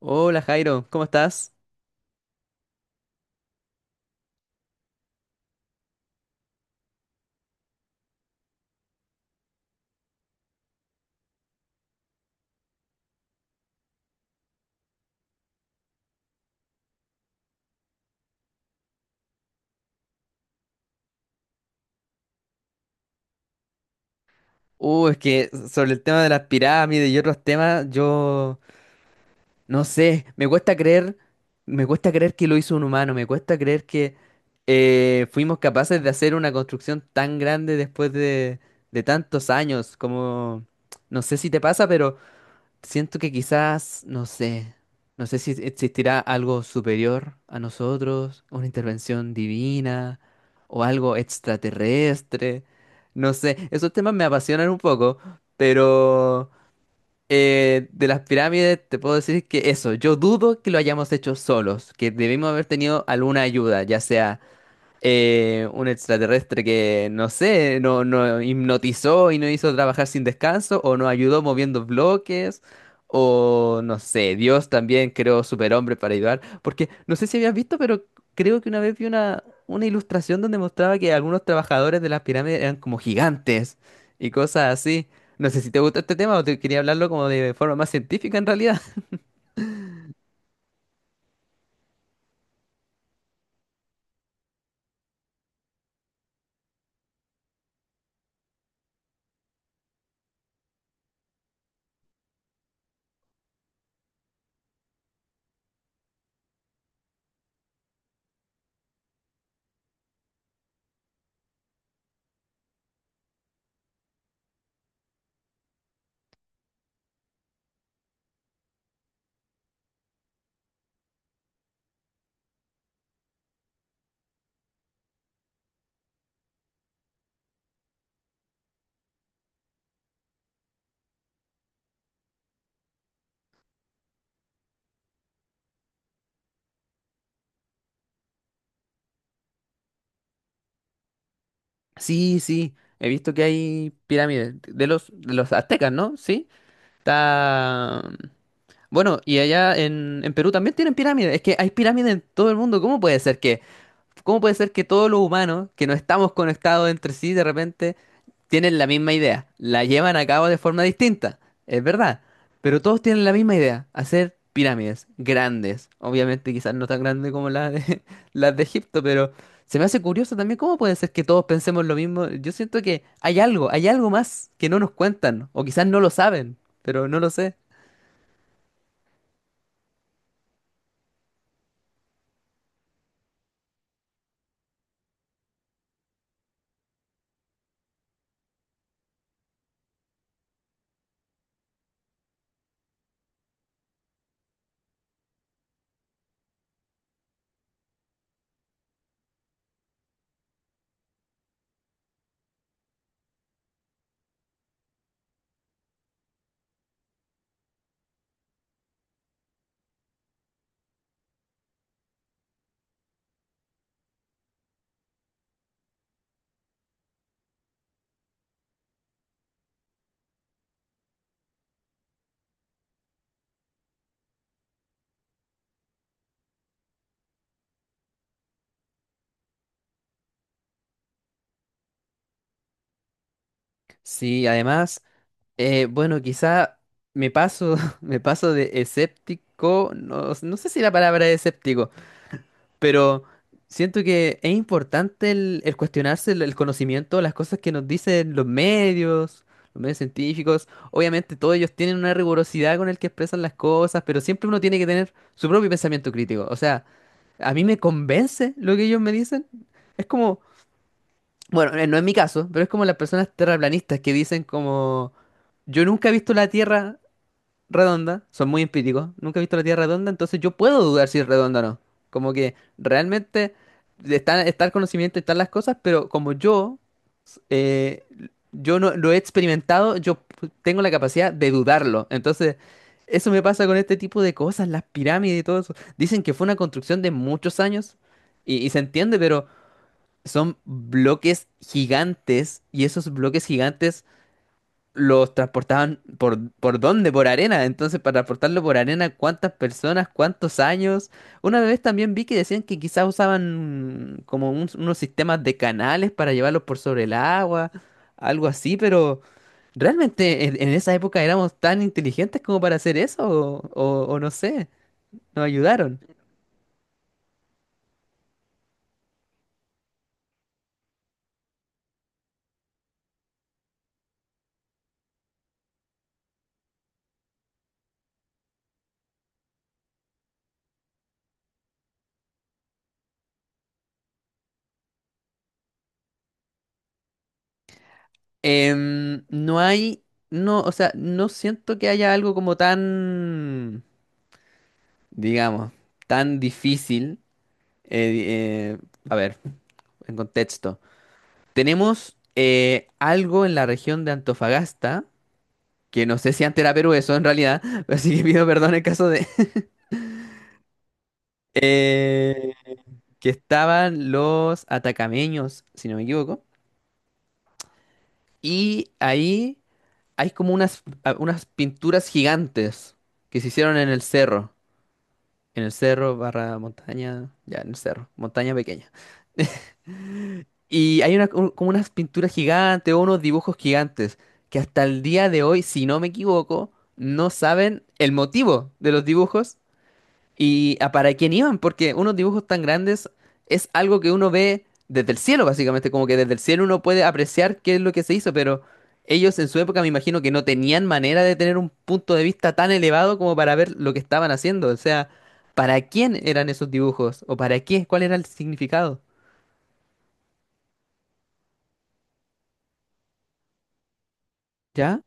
Hola Jairo, ¿cómo estás? Es que sobre el tema de las pirámides y otros temas, yo no sé, me cuesta creer que lo hizo un humano, me cuesta creer que fuimos capaces de hacer una construcción tan grande después de tantos años, como no sé si te pasa, pero siento que quizás, no sé si existirá algo superior a nosotros, una intervención divina o algo extraterrestre. No sé, esos temas me apasionan un poco, pero de las pirámides te puedo decir que eso, yo dudo que lo hayamos hecho solos, que debimos haber tenido alguna ayuda, ya sea un extraterrestre que, no sé, no hipnotizó y no hizo trabajar sin descanso, o nos ayudó moviendo bloques, o no sé, Dios también creó superhombres para ayudar. Porque no sé si habías visto, pero creo que una vez vi una ilustración donde mostraba que algunos trabajadores de las pirámides eran como gigantes y cosas así. No sé si te gusta este tema o te quería hablarlo como de forma más científica en realidad. Sí, sí, he visto que hay pirámides de los aztecas, ¿no? Sí. Está... Bueno, y allá en Perú también tienen pirámides. Es que hay pirámides en todo el mundo. Cómo puede ser que todos los humanos que no estamos conectados entre sí de repente tienen la misma idea? La llevan a cabo de forma distinta. Es verdad. Pero todos tienen la misma idea. Hacer pirámides grandes. Obviamente quizás no tan grandes como las de, las de Egipto, pero se me hace curioso también cómo puede ser que todos pensemos lo mismo. Yo siento que hay algo más que no nos cuentan. O quizás no lo saben, pero no lo sé. Sí, además, bueno, quizá me paso, me paso de escéptico, no, no sé si la palabra es escéptico, pero siento que es importante el cuestionarse el conocimiento, las cosas que nos dicen los medios científicos. Obviamente todos ellos tienen una rigurosidad con el que expresan las cosas, pero siempre uno tiene que tener su propio pensamiento crítico. O sea, a mí me convence lo que ellos me dicen. Es como, bueno, no es mi caso, pero es como las personas terraplanistas que dicen como, yo nunca he visto la Tierra redonda, son muy empíricos, nunca he visto la Tierra redonda, entonces yo puedo dudar si es redonda o no. Como que realmente está el conocimiento, están las cosas, pero como eh, yo no lo he experimentado, yo p- tengo la capacidad de dudarlo. Entonces, eso me pasa con este tipo de cosas, las pirámides y todo eso. Dicen que fue una construcción de muchos años y se entiende, pero son bloques gigantes y esos bloques gigantes los transportaban ¿por dónde? Por arena. Entonces, para transportarlo por arena, ¿cuántas personas? ¿Cuántos años? Una vez también vi que decían que quizás usaban como un- unos sistemas de canales para llevarlos por sobre el agua, algo así, pero ¿realmente en esa época éramos tan inteligentes como para hacer eso? O no sé, nos ayudaron. No hay, no, o sea, no siento que haya algo como tan, digamos, tan difícil. eh, eh, a ver, en contexto. Tenemos algo en la región de Antofagasta, que no sé si antes era Perú eso en realidad, así que pido perdón en caso de... eh, que estaban los atacameños, si no me equivoco. Y ahí hay como unas pinturas gigantes que se hicieron en el cerro. En el cerro, barra montaña, ya en el cerro, montaña pequeña. Y hay como unas pinturas gigantes o unos dibujos gigantes que hasta el día de hoy, si no me equivoco, no saben el motivo de los dibujos. ¿Y a para quién iban? Porque unos dibujos tan grandes es algo que uno ve desde el cielo, básicamente, como que desde el cielo uno puede apreciar qué es lo que se hizo, pero ellos en su época me imagino que no tenían manera de tener un punto de vista tan elevado como para ver lo que estaban haciendo. O sea, ¿para quién eran esos dibujos? ¿O para qué? ¿Cuál era el significado? ¿Ya?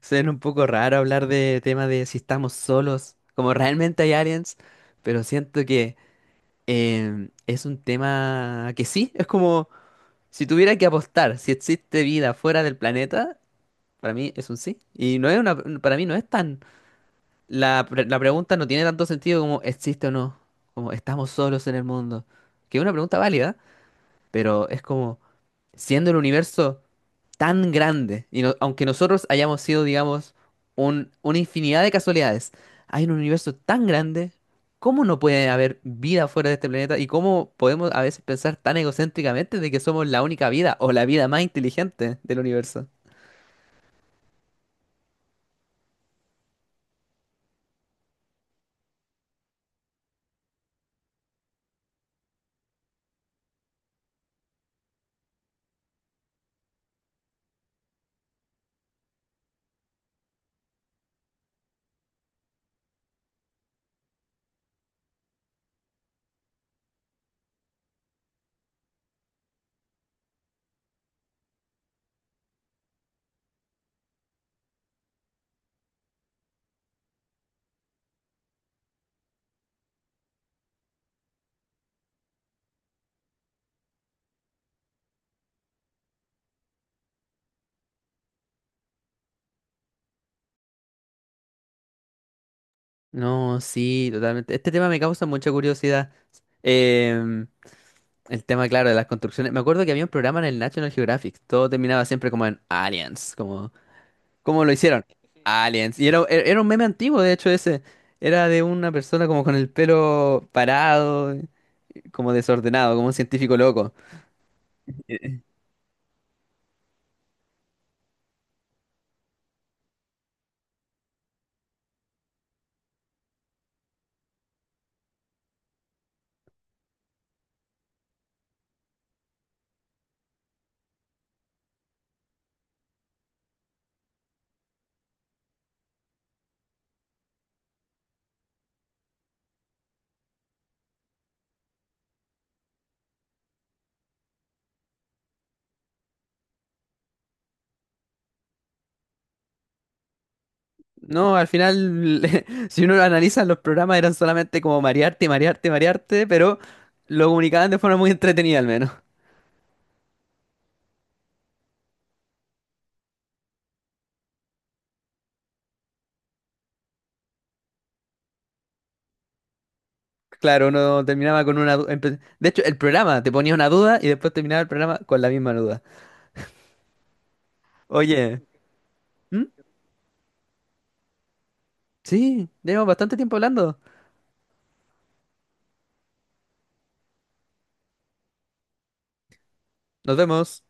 Suena un poco raro hablar de tema de si estamos solos, como realmente hay aliens, pero siento que es un tema que sí, es como... Si tuviera que apostar si existe vida fuera del planeta, para mí es un sí. Y no es una, para mí no es tan, la pregunta no tiene tanto sentido como existe o no, como estamos solos en el mundo, que es una pregunta válida, pero es como, siendo el universo tan grande, y no- aunque nosotros hayamos sido, digamos, una infinidad de casualidades, hay un universo tan grande, ¿cómo no puede haber vida fuera de este planeta? ¿Y cómo podemos a veces pensar tan egocéntricamente de que somos la única vida o la vida más inteligente del universo? No, sí, totalmente. Este tema me causa mucha curiosidad. Em, el tema, claro, de las construcciones. Me acuerdo que había un programa en el National Geographic. Todo terminaba siempre como en aliens, como ¿cómo lo hicieron? Aliens. Y era un meme antiguo, de hecho, ese. Era de una persona como con el pelo parado, como desordenado, como un científico loco. No, al final, si uno lo analiza, los programas eran solamente como marearte, marearte, marearte, pero lo comunicaban de forma muy entretenida al menos. Claro, uno terminaba con una... du- De hecho, el programa te ponía una duda y después terminaba el programa con la misma duda. Oye, ¿mm? Sí, llevamos bastante tiempo hablando. Nos vemos.